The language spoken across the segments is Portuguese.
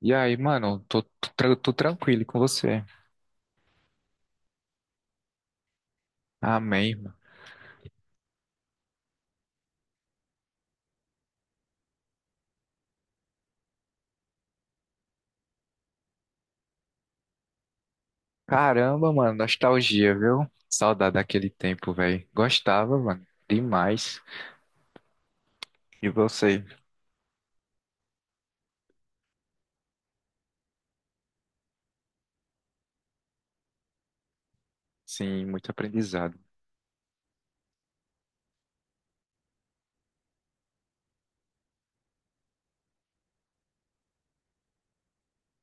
E aí, mano, tô tranquilo com você. Amém, mano. Caramba, mano, nostalgia, viu? Saudade daquele tempo, velho. Gostava, mano, demais. E você? Sim, muito aprendizado.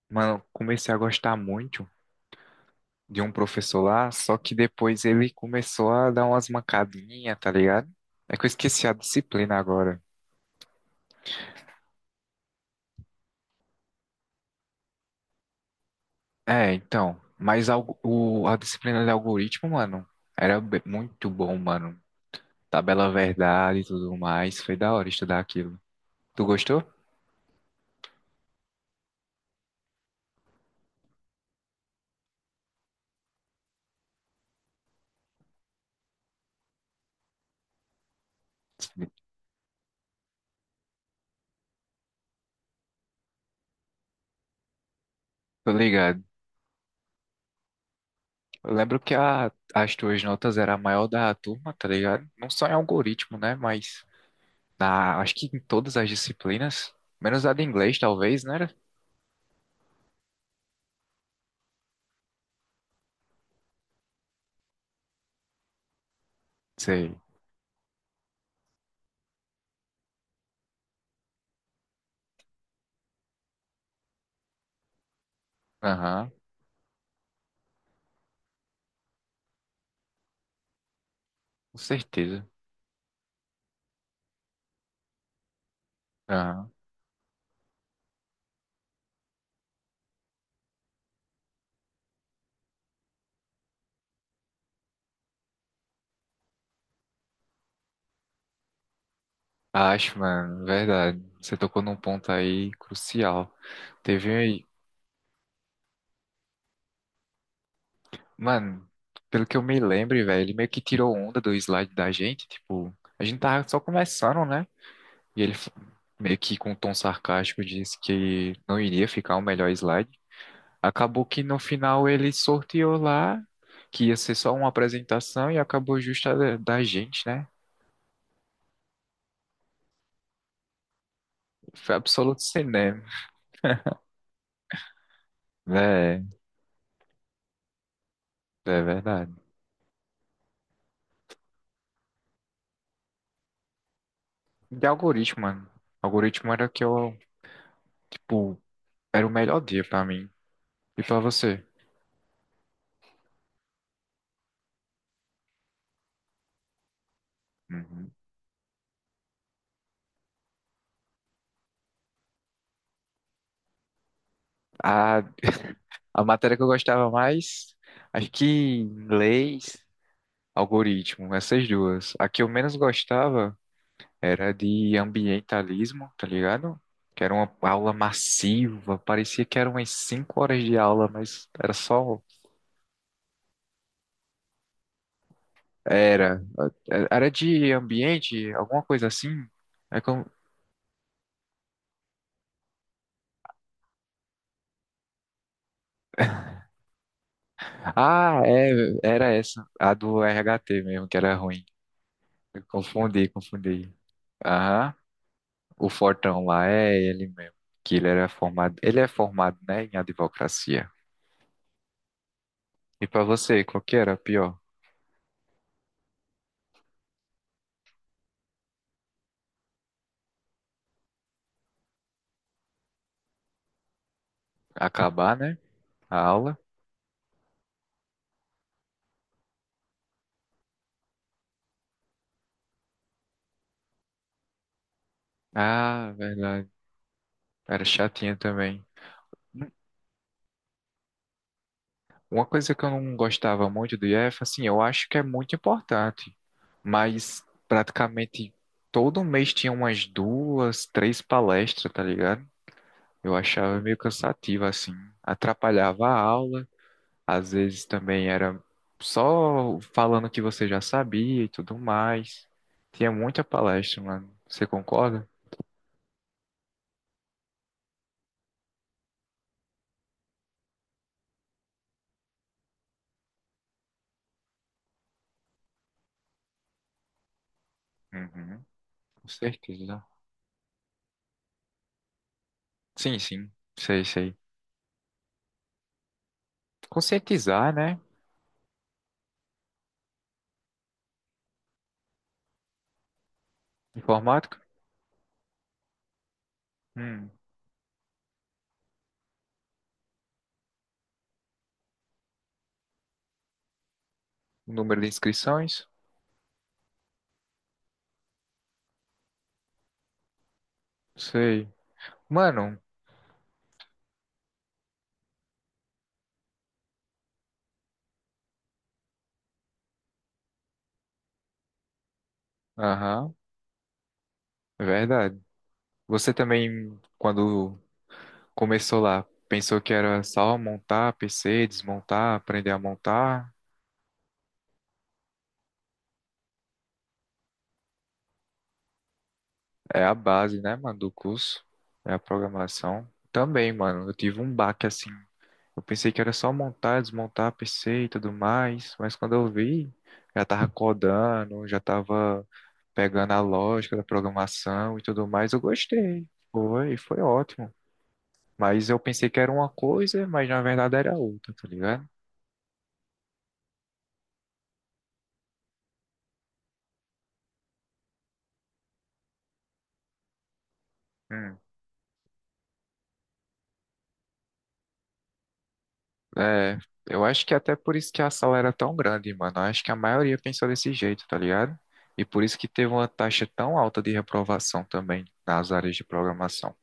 Mano, comecei a gostar muito de um professor lá, só que depois ele começou a dar umas mancadinhas, tá ligado? É que eu esqueci a disciplina agora. É, então, mas a disciplina de algoritmo, mano, muito bom, mano. Tabela verdade e tudo mais. Foi da hora estudar aquilo. Tu gostou? Sim. Tô ligado. Eu lembro que as tuas notas eram a maior da turma, tá ligado? Não só em algoritmo, né? Mas acho que em todas as disciplinas, menos a de inglês, talvez, né? Sei. Aham, com certeza. Aham. Acho, mano, verdade. Você tocou num ponto aí crucial. Teve aí. Mano, pelo que eu me lembro, velho, ele meio que tirou onda do slide da gente. Tipo, a gente tava só começando, né? E ele meio que com um tom sarcástico disse que não iria ficar o melhor slide. Acabou que no final ele sorteou lá, que ia ser só uma apresentação e acabou justa da gente, né? Foi absoluto cinema. É, é verdade. De algoritmo, mano. Algoritmo era que eu, tipo, era o melhor dia pra mim. E pra você? Uhum. A, a matéria que eu gostava mais, acho que leis, algoritmo, essas duas. A que eu menos gostava era de ambientalismo, tá ligado? Que era uma aula massiva, parecia que eram umas 5 horas de aula, mas era só. Era. Era de ambiente, alguma coisa assim. É como... Ah, é, era essa, a do RHT mesmo, que era ruim. Eu confundi, confundi. Aham, o Fortão lá, é ele mesmo. Que ele era formado, ele é formado, né, em advocacia. E pra você, qual que era a pior? Acabar, né, a aula? Ah, verdade. Era chatinha também. Uma coisa que eu não gostava muito do IF, assim, eu acho que é muito importante, mas praticamente todo mês tinha umas duas, três palestras, tá ligado? Eu achava meio cansativo, assim, atrapalhava a aula, às vezes também era só falando o que você já sabia e tudo mais. Tinha muita palestra, mano. Você concorda? Uhum, com certeza. Sim, sim, sei, sei. Conscientizar, né? Informática. Hum, o número de inscrições? Sei. Mano, aham, é verdade. Você também, quando começou lá, pensou que era só montar PC, desmontar, aprender a montar? É a base, né, mano, do curso. É a programação. Também, mano, eu tive um baque assim. Eu pensei que era só montar, desmontar PC e tudo mais, mas quando eu vi, já tava codando, já tava pegando a lógica da programação e tudo mais, eu gostei. Foi ótimo. Mas eu pensei que era uma coisa, mas na verdade era outra, tá ligado? Hum. É, eu acho que até por isso que a sala era tão grande, mano. Eu acho que a maioria pensou desse jeito, tá ligado? E por isso que teve uma taxa tão alta de reprovação também nas áreas de programação.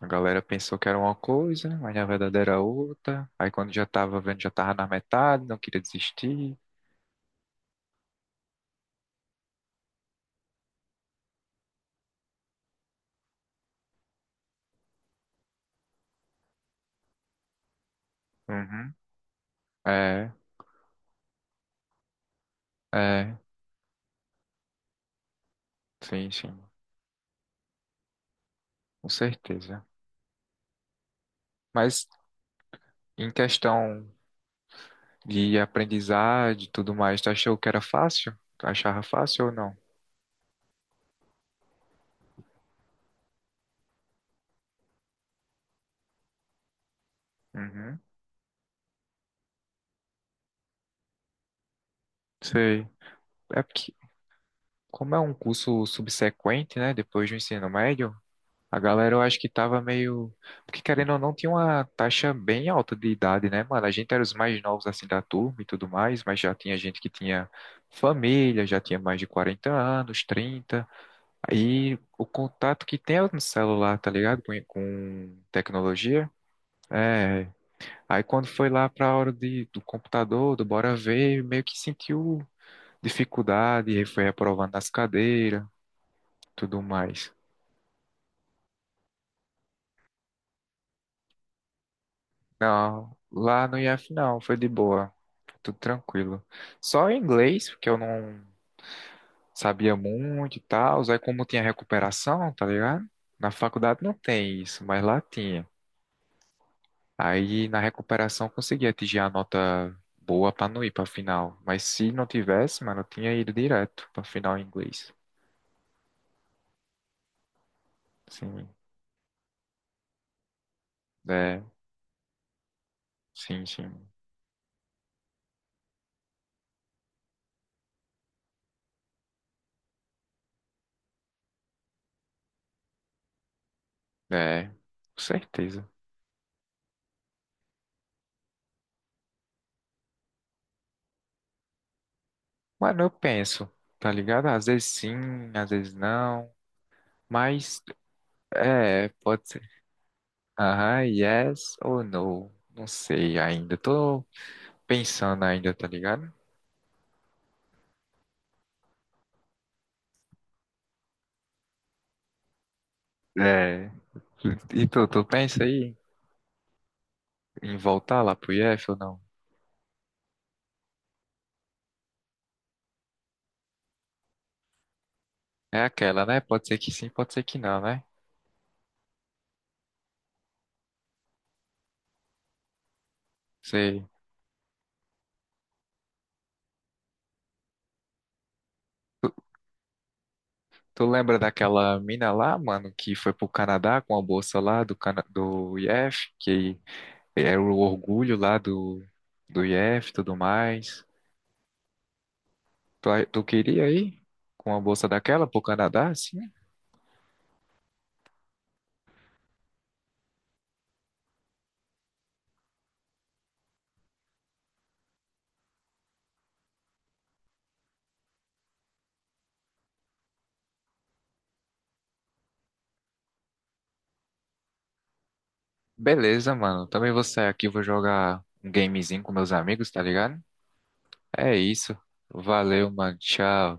A galera pensou que era uma coisa, mas na verdade era outra. Aí quando já tava vendo, já tava na metade, não queria desistir. Uhum. É, é, sim, sim, com certeza. Mas em questão de aprendizagem e tudo mais. Tu achou que era fácil? Tu achava fácil ou não? Uhum, sei. É porque, como é um curso subsequente, né, depois do ensino médio, a galera eu acho que tava meio. Porque querendo ou não, tinha uma taxa bem alta de idade, né, mano? A gente era os mais novos assim da turma e tudo mais, mas já tinha gente que tinha família, já tinha mais de 40 anos, trinta. Aí o contato que tem é no celular, tá ligado? Com tecnologia. É, aí quando foi lá para a hora do computador, do bora ver, meio que sentiu dificuldade, e foi reprovando nas cadeiras, tudo mais. Não, lá no IF não, foi de boa, tudo tranquilo. Só em inglês, porque eu não sabia muito e tal, aí como tinha recuperação, tá ligado? Na faculdade não tem isso, mas lá tinha. Aí na recuperação eu consegui atingir a nota boa para não ir para final, mas se não tivesse, mano, eu tinha ido direto para final em inglês. Sim. É, sim, sim. É, com certeza. Mano, eu penso, tá ligado? Às vezes sim, às vezes não. Mas, é, pode ser. Aham, yes ou no. Não sei ainda. Tô pensando ainda, tá ligado? É. E tu pensa aí em voltar lá pro IF ou não? É aquela, né? Pode ser que sim, pode ser que não, né? Sei. Tu, tu lembra daquela mina lá, mano, que foi pro Canadá com a bolsa lá Cana do IF, que era o orgulho lá do IF e tudo mais. Tu queria ir com uma bolsa daquela pro Canadá? Sim. Beleza, mano. Também vou sair aqui, vou jogar um gamezinho com meus amigos, tá ligado? É isso. Valeu, mano. Tchau.